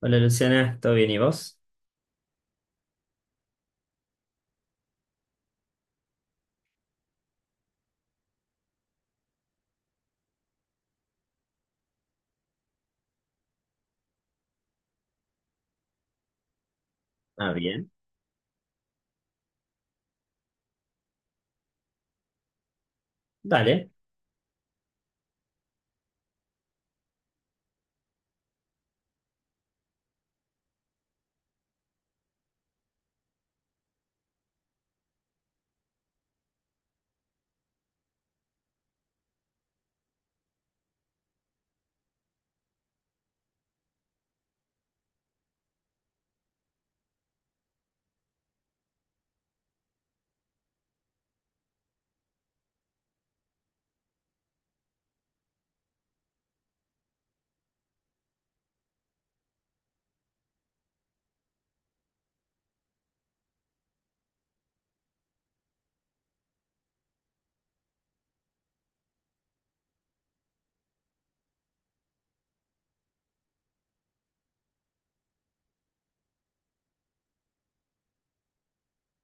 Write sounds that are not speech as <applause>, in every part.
Hola Luciana, ¿todo bien y vos? Ah, bien. Dale,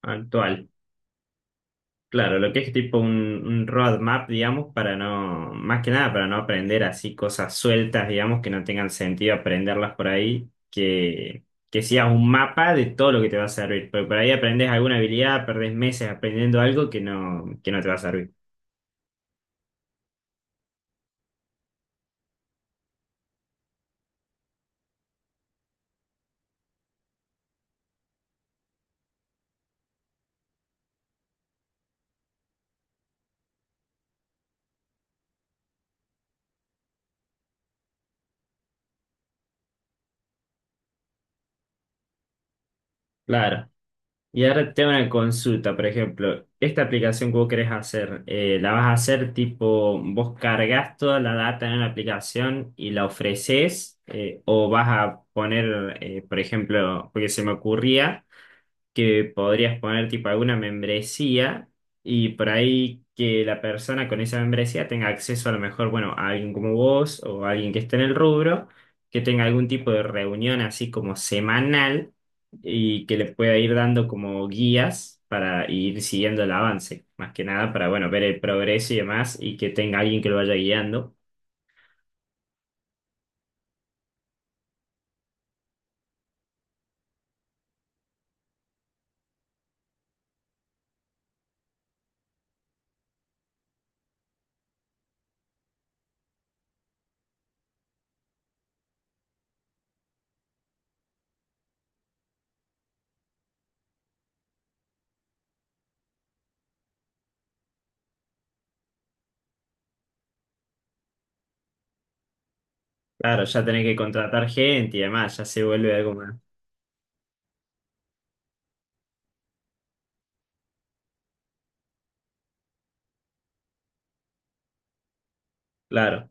actual. Claro, lo que es tipo un roadmap, digamos, para no, más que nada para no aprender así cosas sueltas, digamos, que no tengan sentido aprenderlas por ahí, que sea un mapa de todo lo que te va a servir, porque por ahí aprendes alguna habilidad, perdés meses aprendiendo algo que no te va a servir. Claro. Y ahora tengo una consulta, por ejemplo, esta aplicación que vos querés hacer, ¿la vas a hacer tipo, vos cargas toda la data en la aplicación y la ofreces, o vas a poner, por ejemplo, porque se me ocurría que podrías poner tipo alguna membresía y por ahí que la persona con esa membresía tenga acceso a lo mejor, bueno, a alguien como vos o a alguien que esté en el rubro, que tenga algún tipo de reunión así como semanal y que le pueda ir dando como guías para ir siguiendo el avance, más que nada para, bueno, ver el progreso y demás y que tenga alguien que lo vaya guiando. Claro, ya tenés que contratar gente y demás, ya se vuelve algo más. Claro.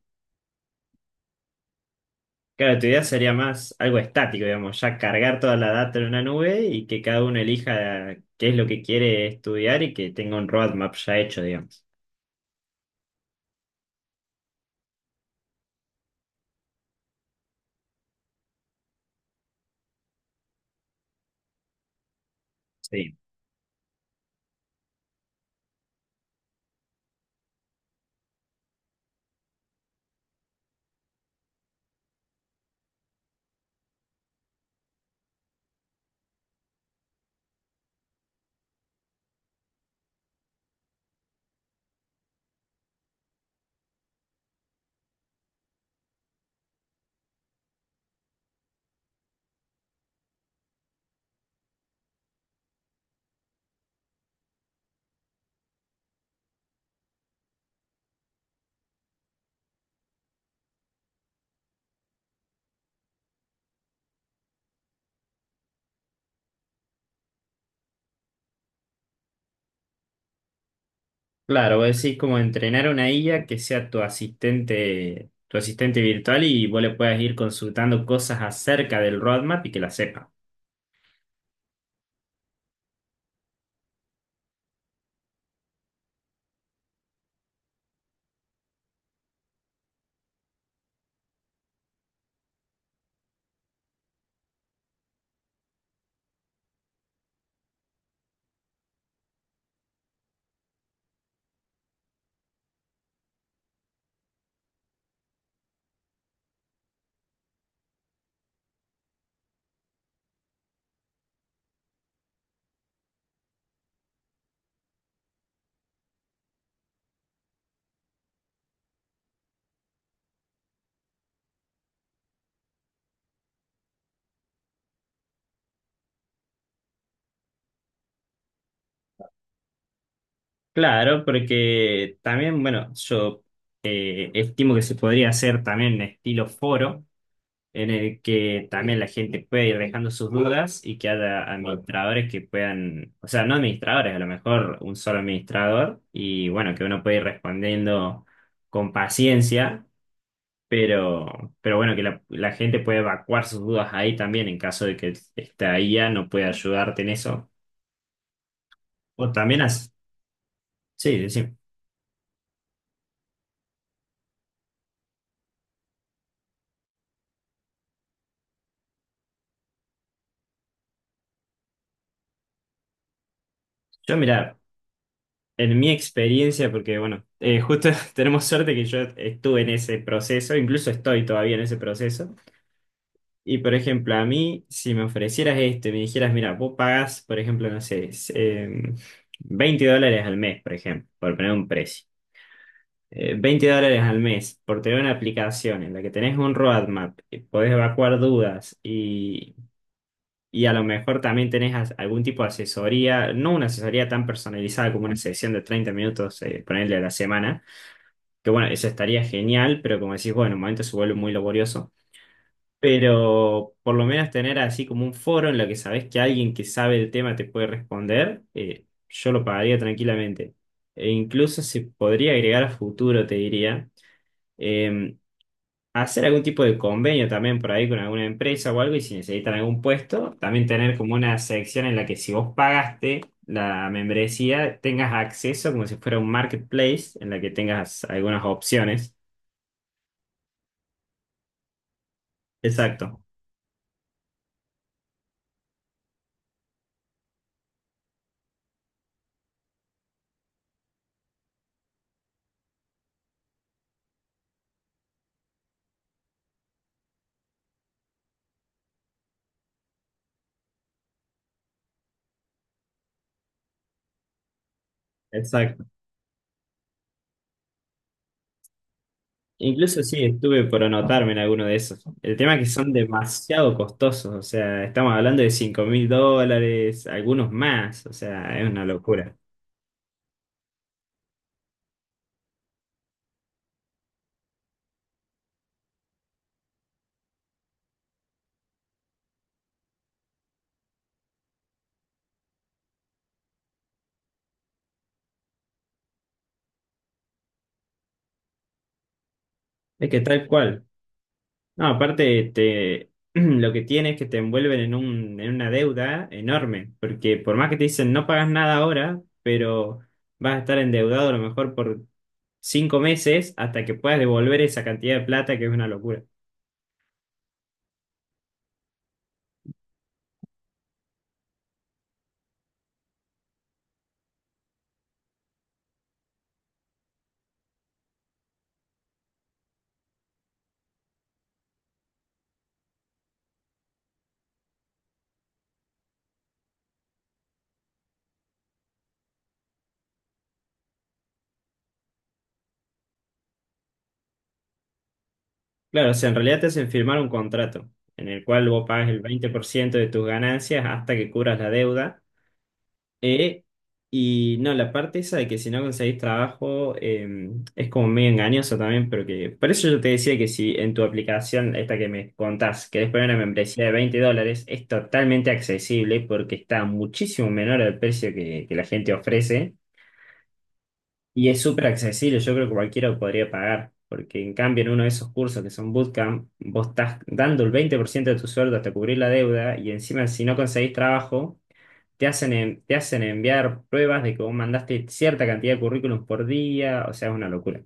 Claro, tu idea sería más algo estático, digamos, ya cargar toda la data en una nube y que cada uno elija qué es lo que quiere estudiar y que tenga un roadmap ya hecho, digamos. Sí. Claro, vos decís como entrenar una IA que sea tu asistente virtual y vos le puedas ir consultando cosas acerca del roadmap y que la sepa. Claro, porque también, bueno, yo estimo que se podría hacer también estilo foro en el que también la gente puede ir dejando sus dudas y que haya administradores que puedan, o sea, no administradores, a lo mejor un solo administrador y bueno, que uno puede ir respondiendo con paciencia, pero, pero bueno, que la gente puede evacuar sus dudas ahí también en caso de que esta IA no pueda ayudarte en eso. O también sí, decime. Yo mira, en mi experiencia, porque bueno, justo <laughs> tenemos suerte que yo estuve en ese proceso, incluso estoy todavía en ese proceso. Y por ejemplo, a mí, si me ofrecieras esto y me dijeras, mira, vos pagás, por ejemplo, no sé, $20 al mes, por ejemplo, por poner un precio. $20 al mes por tener una aplicación en la que tenés un roadmap, podés evacuar dudas y a lo mejor también tenés algún tipo de asesoría, no una asesoría tan personalizada como una sesión de 30 minutos, ponerle a la semana, que bueno, eso estaría genial, pero como decís, bueno, en un momento se vuelve muy laborioso. Pero por lo menos tener así como un foro en lo que sabes que alguien que sabe el tema te puede responder, yo lo pagaría tranquilamente. E incluso se podría agregar a futuro, te diría, eh, hacer algún tipo de convenio también por ahí con alguna empresa o algo y si necesitan algún puesto, también tener como una sección en la que si vos pagaste la membresía, tengas acceso como si fuera un marketplace en la que tengas algunas opciones. Exacto. Exacto. Incluso sí, estuve por anotarme en alguno de esos. El tema es que son demasiado costosos, o sea, estamos hablando de $5.000, algunos más, o sea, es una locura. Es que tal cual. No, aparte, te, <clears throat> lo que tiene es que te envuelven en una deuda enorme, porque por más que te dicen no pagas nada ahora, pero vas a estar endeudado a lo mejor por 5 meses hasta que puedas devolver esa cantidad de plata, que es una locura. Claro, o sea, en realidad te hacen firmar un contrato en el cual vos pagas el 20% de tus ganancias hasta que cubras la deuda. eh, y no, la parte esa de que si no conseguís trabajo es como medio engañoso también, pero que por eso yo te decía que si en tu aplicación, esta que me contás, querés poner una membresía de $20, es totalmente accesible porque está muchísimo menor al precio que la gente ofrece. Y es súper accesible, yo creo que cualquiera lo podría pagar, porque en cambio en uno de esos cursos que son bootcamp, vos estás dando el 20% de tu sueldo hasta cubrir la deuda y encima si no conseguís trabajo, te hacen enviar pruebas de que vos mandaste cierta cantidad de currículums por día, o sea, es una locura.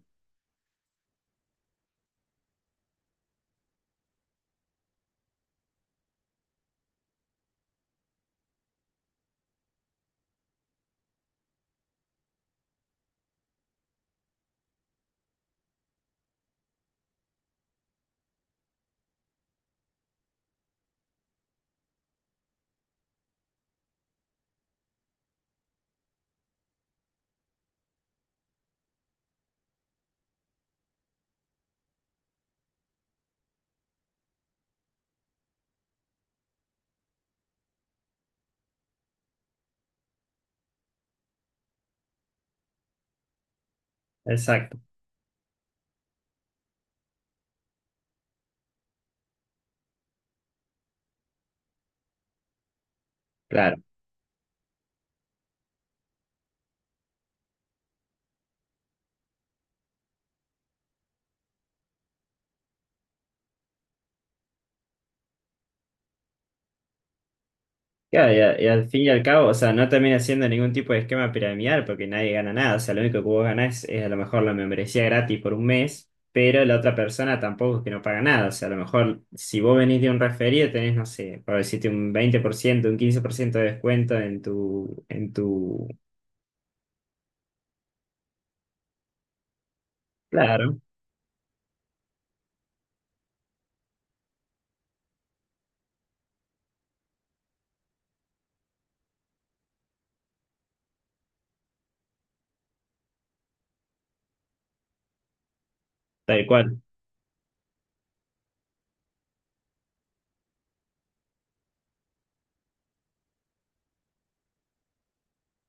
Exacto. Claro. Claro, y al fin y al cabo, o sea, no termina siendo ningún tipo de esquema piramidal porque nadie gana nada. O sea, lo único que vos ganás es a lo mejor la membresía gratis por un mes, pero la otra persona tampoco es que no paga nada. O sea, a lo mejor si vos venís de un referido tenés, no sé, por decirte un 20% un 15% de descuento en tu. Claro, tal cual.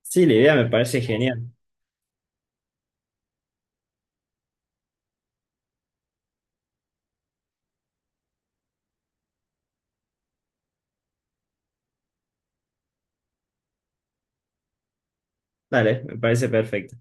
Sí, la idea me parece genial. Dale, me parece perfecto.